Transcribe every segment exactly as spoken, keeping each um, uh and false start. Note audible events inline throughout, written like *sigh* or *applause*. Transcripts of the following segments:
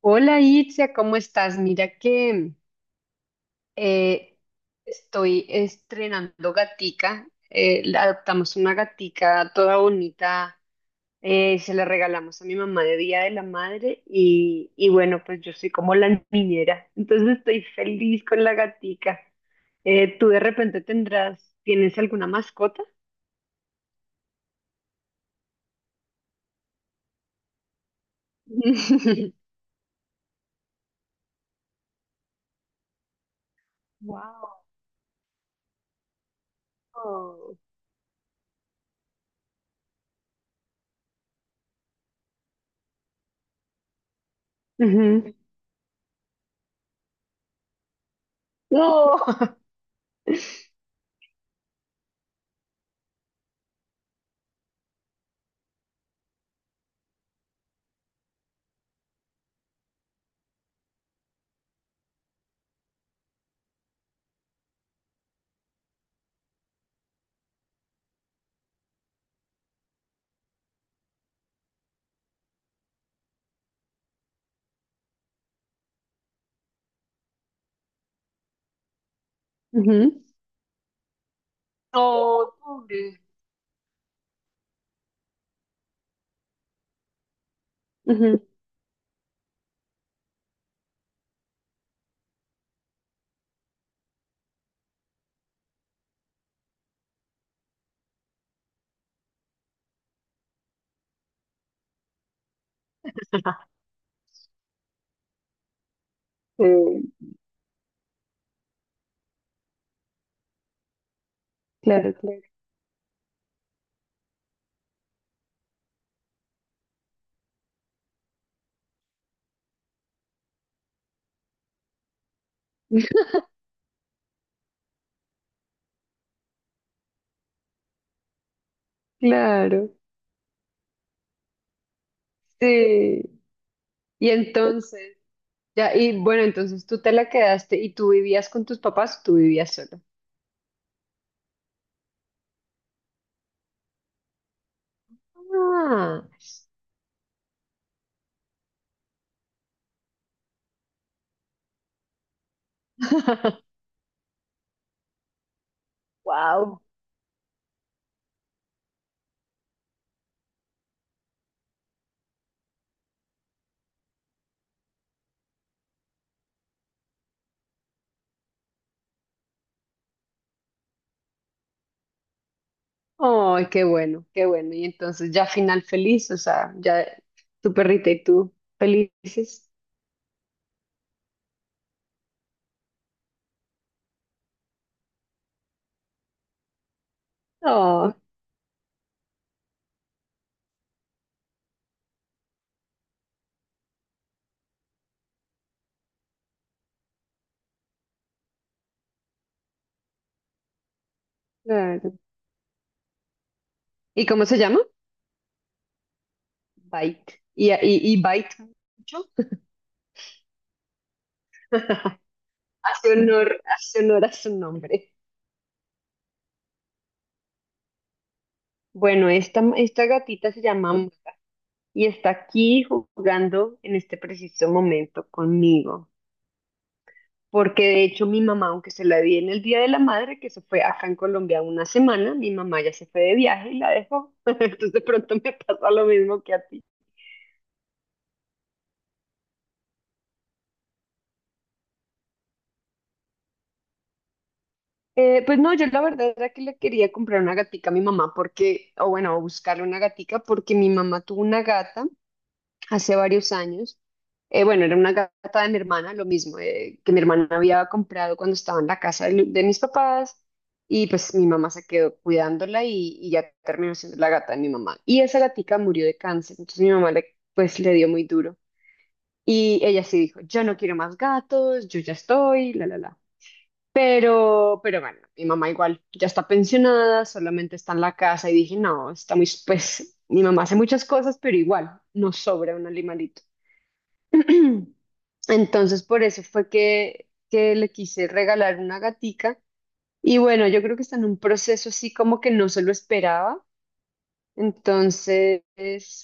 Hola Itzia, ¿cómo estás? Mira que eh, estoy estrenando gatica. Eh, la- adoptamos una gatica toda bonita. Eh, se la regalamos a mi mamá de Día de la Madre y, y bueno, pues yo soy como la niñera, entonces estoy feliz con la gatica. Eh, ¿tú de repente tendrás, tienes alguna mascota? *laughs* Wow. Ujú. No. *laughs* Ujú. No, pobre. Sí, claro, claro. *laughs* Claro, sí. Y entonces, ya, y bueno, entonces tú te la quedaste y tú vivías con tus papás, o tú vivías solo. Ah. *laughs* Wow. Ay, qué bueno, qué bueno. Y entonces ya final feliz, o sea, ya tu perrita y tú felices. Oh, claro. ¿Y cómo se llama? Bite. ¿Y, y, y Bite mucho? *laughs* Hace honor, hace honor a su nombre. Bueno, esta, esta gatita se llama Maya. Y está aquí jugando en este preciso momento conmigo. Porque de hecho mi mamá, aunque se la vi en el Día de la Madre, que se fue acá en Colombia una semana, mi mamá ya se fue de viaje y la dejó. *laughs* Entonces de pronto me pasa lo mismo que a ti. Eh, pues no, yo la verdad era que le quería comprar una gatica a mi mamá porque, o bueno, buscarle una gatica porque mi mamá tuvo una gata hace varios años. Eh, bueno, era una gata de mi hermana, lo mismo, eh, que mi hermana había comprado cuando estaba en la casa de, lu- de mis papás y pues mi mamá se quedó cuidándola y, y ya terminó siendo la gata de mi mamá. Y esa gatica murió de cáncer, entonces mi mamá le, pues le dio muy duro. Y ella sí dijo, yo no quiero más gatos, yo ya estoy, la, la, la. Pero, pero bueno, mi mamá igual ya está pensionada, solamente está en la casa y dije, no, está muy, pues mi mamá hace muchas cosas, pero igual nos sobra un animalito. Entonces, por eso fue que, que le quise regalar una gatica. Y bueno, yo creo que está en un proceso así como que no se lo esperaba. Entonces,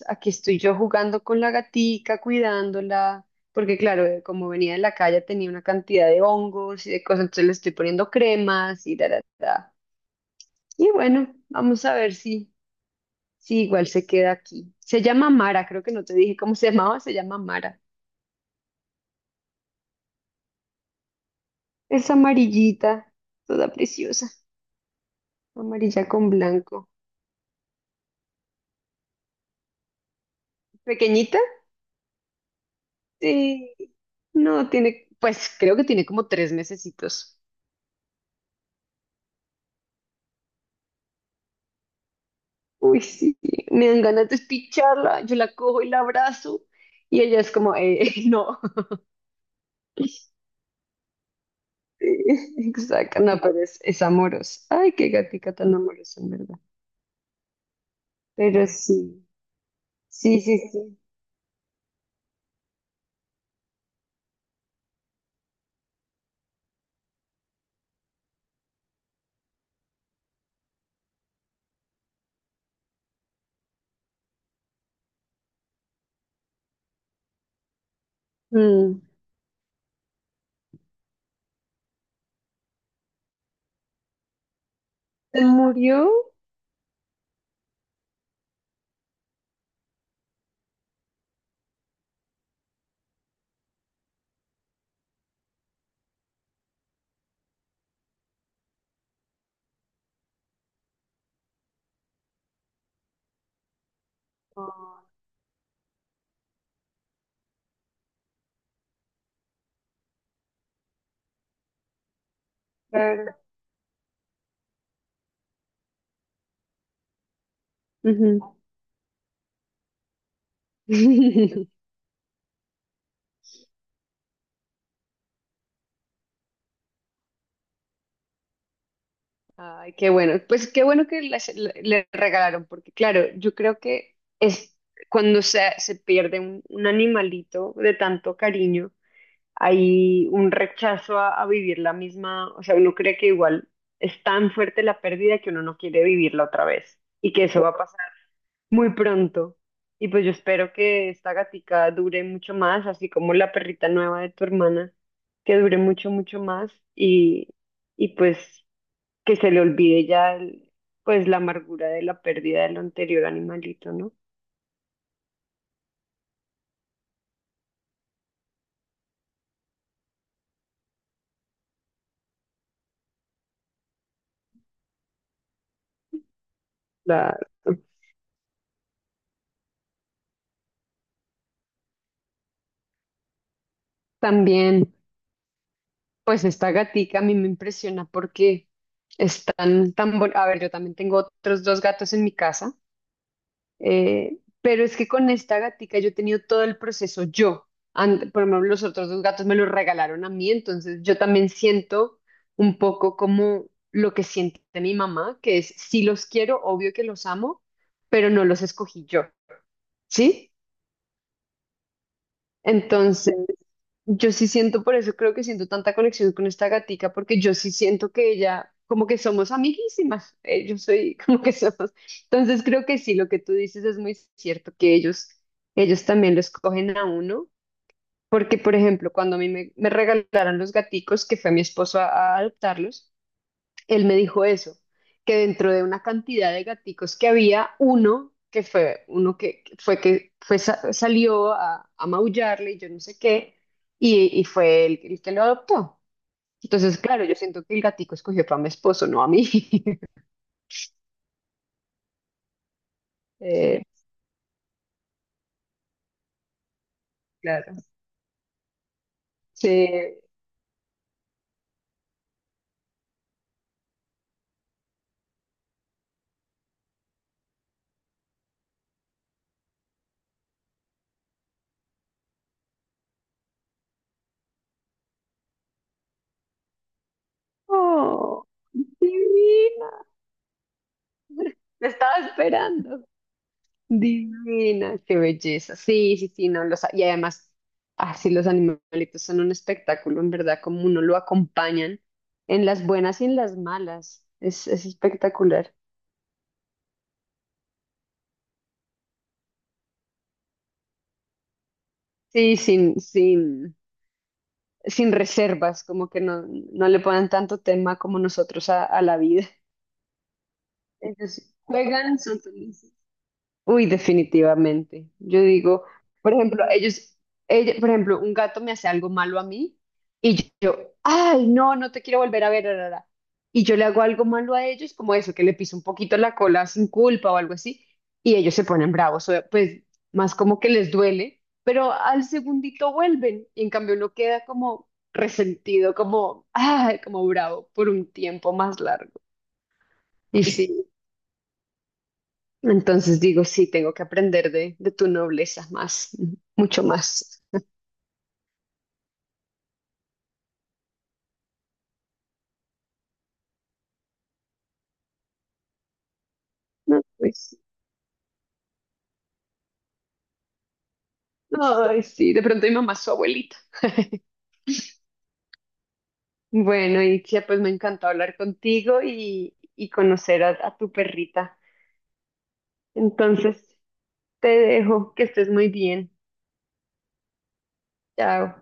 aquí estoy yo jugando con la gatica, cuidándola, porque claro, eh, como venía de la calle tenía una cantidad de hongos y de cosas, entonces le estoy poniendo cremas y da, da, da. Y bueno, vamos a ver si, si igual se queda aquí. Se llama Mara, creo que no te dije cómo se llamaba, se llama Mara. Es amarillita, toda preciosa. Amarilla con blanco. ¿Pequeñita? Sí. No, tiene, pues creo que tiene como tres mesecitos. Uy, sí, me dan ganas de picharla. Yo la cojo y la abrazo. Y ella es como, eh, *laughs* no. Sí, exacto, no, pero es, es amorosa. Ay, qué gatica tan amorosa, en verdad. Pero sí, sí, sí, sí. Mm. ¿Se murió? Ah, claro. Ujú. *laughs* Ay, qué bueno. Pues qué bueno que las- le le regalaron, porque claro, yo creo que es cuando se, se pierde un, un animalito de tanto cariño, hay un rechazo a, a vivir la misma, o sea, uno cree que igual es tan fuerte la pérdida que uno no quiere vivirla otra vez y que eso va a pasar muy pronto. Y pues yo espero que esta gatica dure mucho más, así como la perrita nueva de tu hermana, que dure mucho, mucho más y, y pues que se le olvide ya el- pues la amargura de la pérdida del anterior animalito, ¿no? La también, pues esta gatica a mí me impresiona porque están tan bon- a ver, yo también tengo otros dos gatos en mi casa, eh, pero es que con esta gatica yo he tenido todo el proceso yo. An- por ejemplo, los otros dos gatos me los regalaron a mí, entonces yo también siento un poco como lo que siente mi mamá, que es, si los quiero, obvio que los amo, pero no los escogí yo. ¿Sí? Entonces, yo sí siento, por eso creo que siento tanta conexión con esta gatica, porque yo sí siento que ella, como que somos amiguísimas, eh, yo soy *laughs* como que somos. Entonces, creo que sí, lo que tú dices es muy cierto, que ellos, ellos también lo escogen a uno, porque, por ejemplo, cuando a mí me, me regalaron los gaticos, que fue mi esposo a, a adoptarlos, él me dijo eso, que dentro de una cantidad de gaticos que había, uno que fue, uno que que fue que fue, sa- salió a, a maullarle y yo no sé qué, y, y fue él el que lo adoptó. Entonces, claro, yo siento que el gatico escogió fue a mi esposo, no a mí. *laughs* Eh, claro. Sí. Oh, divino. Te estaba esperando. Divina, qué belleza. Sí, sí, sí, no, los, y además, así los animalitos son un espectáculo, en verdad, como uno lo acompañan en las buenas y en las malas. Es, es espectacular. Sí, sin, sin, sin reservas, como que no, no le ponen tanto tema como nosotros a, a la vida. *laughs* Ellos juegan, son felices. Uy, definitivamente. Yo digo, por ejemplo, ellos, ella- por ejemplo, un gato me hace algo malo a mí y yo, ay, no, no te quiero volver a ver, ra, ra, ra". Y yo le hago algo malo a ellos, como eso, que le piso un poquito la cola sin culpa o algo así, y ellos se ponen bravos, o- pues más como que les duele, pero al segundito vuelven y en cambio uno queda como resentido, como, ay, como bravo por un tiempo más largo. Y sí. Entonces digo, sí, tengo que aprender de, de tu nobleza más, mucho más. No, pues, ay, sí, de pronto mi mamá es su abuelita. *laughs* Bueno, Itzia, pues me encantó hablar contigo y, y conocer a, a tu perrita. Entonces, te dejo, que estés muy bien. Chao.